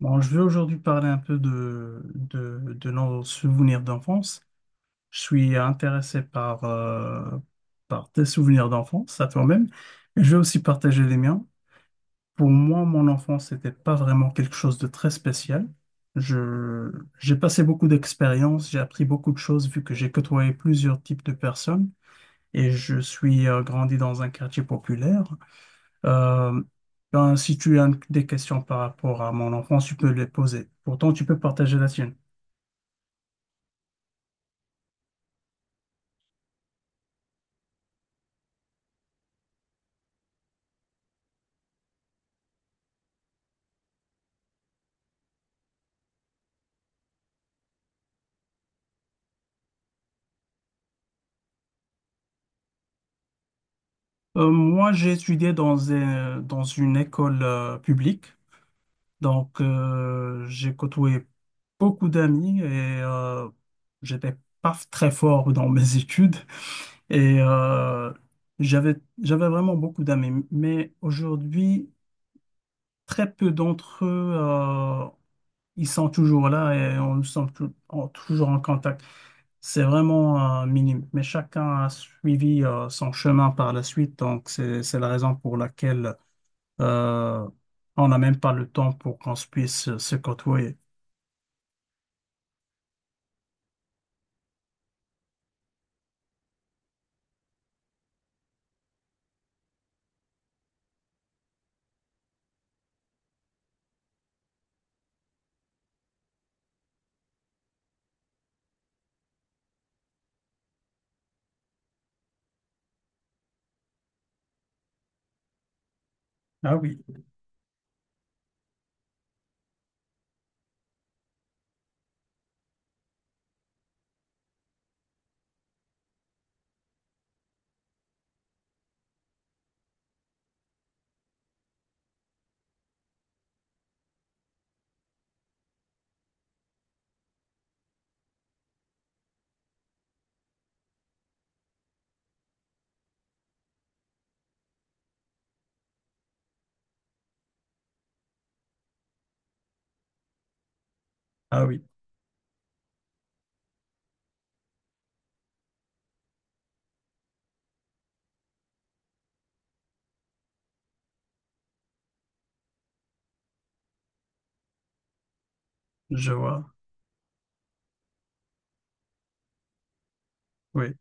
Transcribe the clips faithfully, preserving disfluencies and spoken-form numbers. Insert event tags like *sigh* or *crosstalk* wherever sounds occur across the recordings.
Bon, je vais aujourd'hui parler un peu de, de, de nos souvenirs d'enfance. Je suis intéressé par, euh, par tes souvenirs d'enfance, à toi-même. Et je vais aussi partager les miens. Pour moi, mon enfance n'était pas vraiment quelque chose de très spécial. Je, j'ai passé beaucoup d'expériences, j'ai appris beaucoup de choses vu que j'ai côtoyé plusieurs types de personnes et je suis euh, grandi dans un quartier populaire. Euh, ben, si tu as des questions par rapport à mon enfance, tu peux les poser. Pourtant, tu peux partager la tienne. Euh, moi, j'ai étudié dans, un- dans une école euh, publique, donc euh, j'ai côtoyé beaucoup d'amis et euh, j'étais pas très fort dans mes *laughs* études et euh, j'avais j'avais vraiment beaucoup d'amis. Mais aujourd'hui, très peu d'entre eux, euh, ils sont toujours là et on nous sommes tou- en- toujours en contact. C'est vraiment euh, minime, mais chacun a suivi euh, son chemin par la suite, donc c'est c'est la raison pour laquelle euh, on n'a même pas le temps pour qu'on se puisse euh, se côtoyer. Ah oui, ah oui, je vois, oui,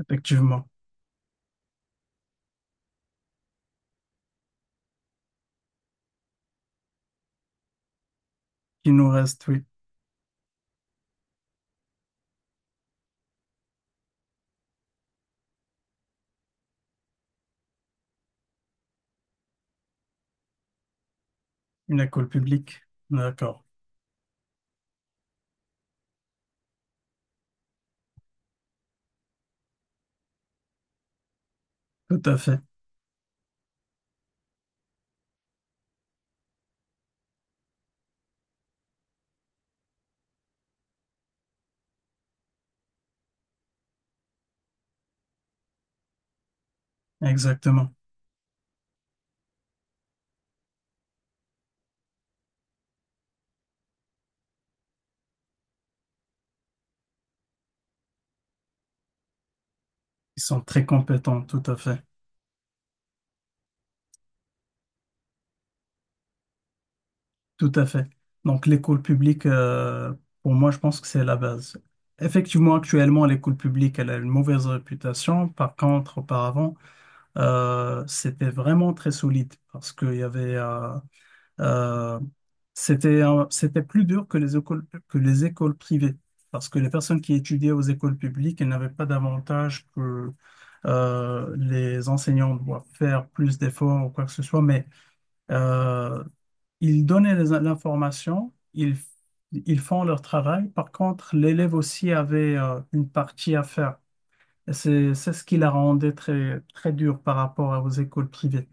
effectivement. Il nous reste, oui, une école publique, d'accord, tout à fait, exactement. Ils sont très compétents, tout à fait. Tout à fait. Donc l'école publique, euh, pour moi, je pense que c'est la base. Effectivement, actuellement, l'école publique, elle a une mauvaise réputation. Par contre, auparavant, euh, c'était vraiment très solide parce qu'il y avait, euh, euh, c'était, un- c'était plus dur que les écoles, que les écoles privées parce que les personnes qui étudiaient aux écoles publiques, elles n'avaient pas d'avantage que euh, les enseignants doivent faire plus d'efforts ou quoi que ce soit, mais euh, ils donnaient les in- l'information, ils, ils font leur travail. Par contre, l'élève aussi avait euh, une partie à faire. Et c'est, c'est ce qui la rendait très, très dure par rapport aux écoles privées.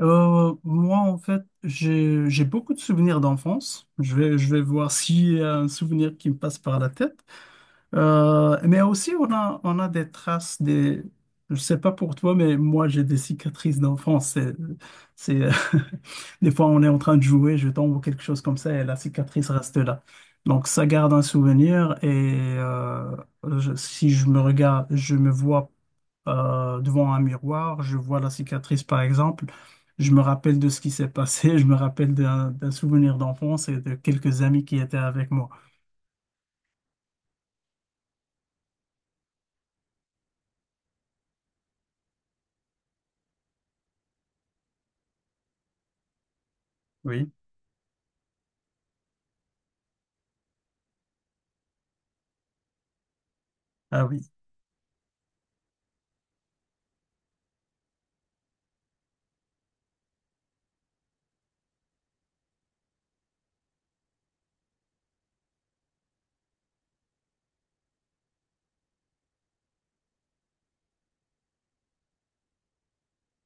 Euh, moi, en fait, j'ai, j'ai beaucoup de souvenirs d'enfance. Je vais, je vais voir s'il y a un souvenir qui me passe par la tête. Euh, mais aussi, on a, on a des traces des... Je sais pas pour toi, mais moi, j'ai des cicatrices d'enfance. C'est, c'est, euh, *laughs* des fois, on est en train de jouer, je tombe ou quelque chose comme ça, et la cicatrice reste là. Donc, ça garde un souvenir. Et euh, je- si je me regarde, je me vois euh, devant un miroir, je vois la cicatrice, par exemple. Je me rappelle de ce qui s'est passé, *laughs* je me rappelle d'un d'un souvenir d'enfance et de quelques amis qui étaient avec moi. Oui. Ah oui.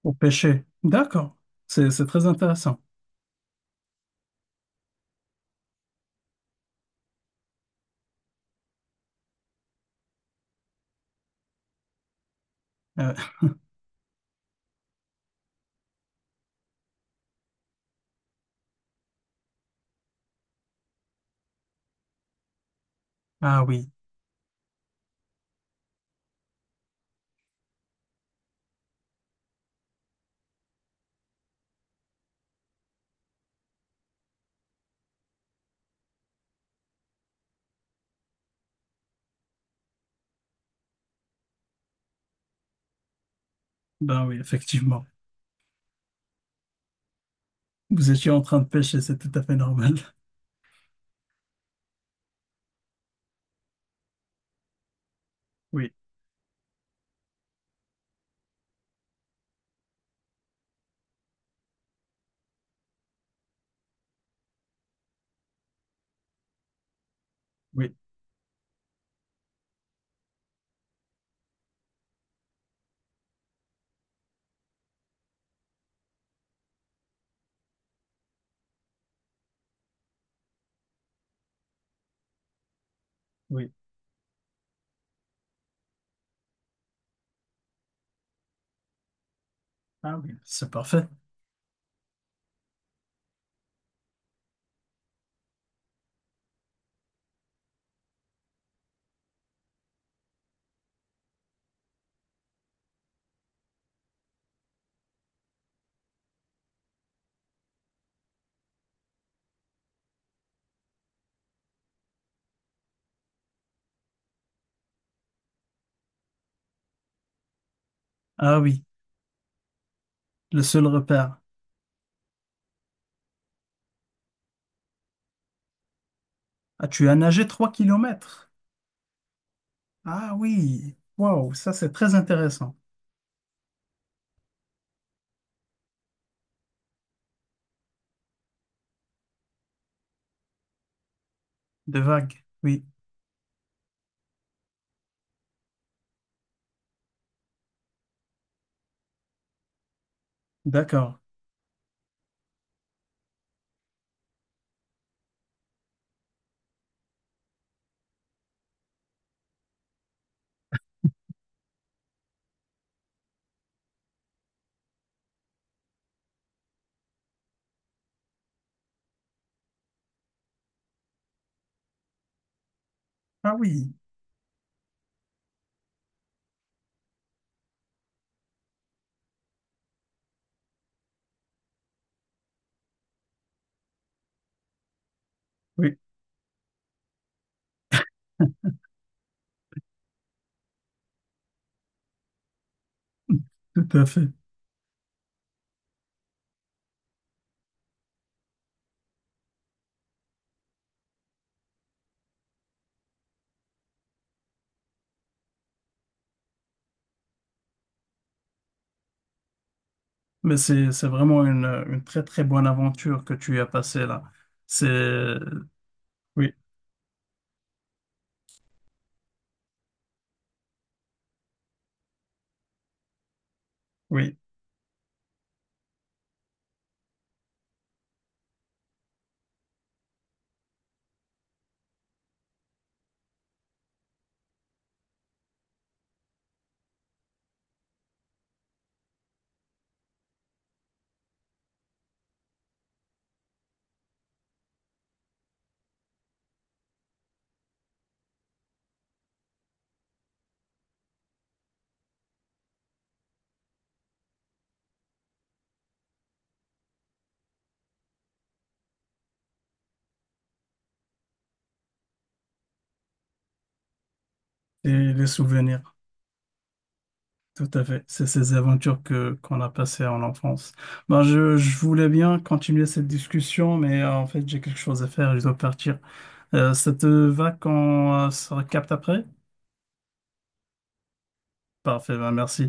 Pour pêcher. D'accord. C'est, c'est très intéressant. Euh, ah oui, ben oui, effectivement. Vous étiez en train de pêcher, c'est tout à fait normal. *laughs* Oui, oui, oui. Ah oui, c'est parfait. Ah oui, le seul repère. Ah, tu as nagé trois kilomètres. Ah oui, waouh, ça c'est très intéressant. Des vagues, oui, d'accord. Ah oui, oui, *laughs* tout à fait. Mais c'est, c'est vraiment une, une très très bonne aventure que tu as passée là. C'est, oui, oui, et les souvenirs. Tout à fait. C'est ces aventures que qu'on a passées en enfance. Ben, je, je voulais bien continuer cette discussion, mais euh, en fait, j'ai quelque chose à faire, je dois partir. Euh, ça te va qu'on euh, se recapte après? Parfait, ben, merci.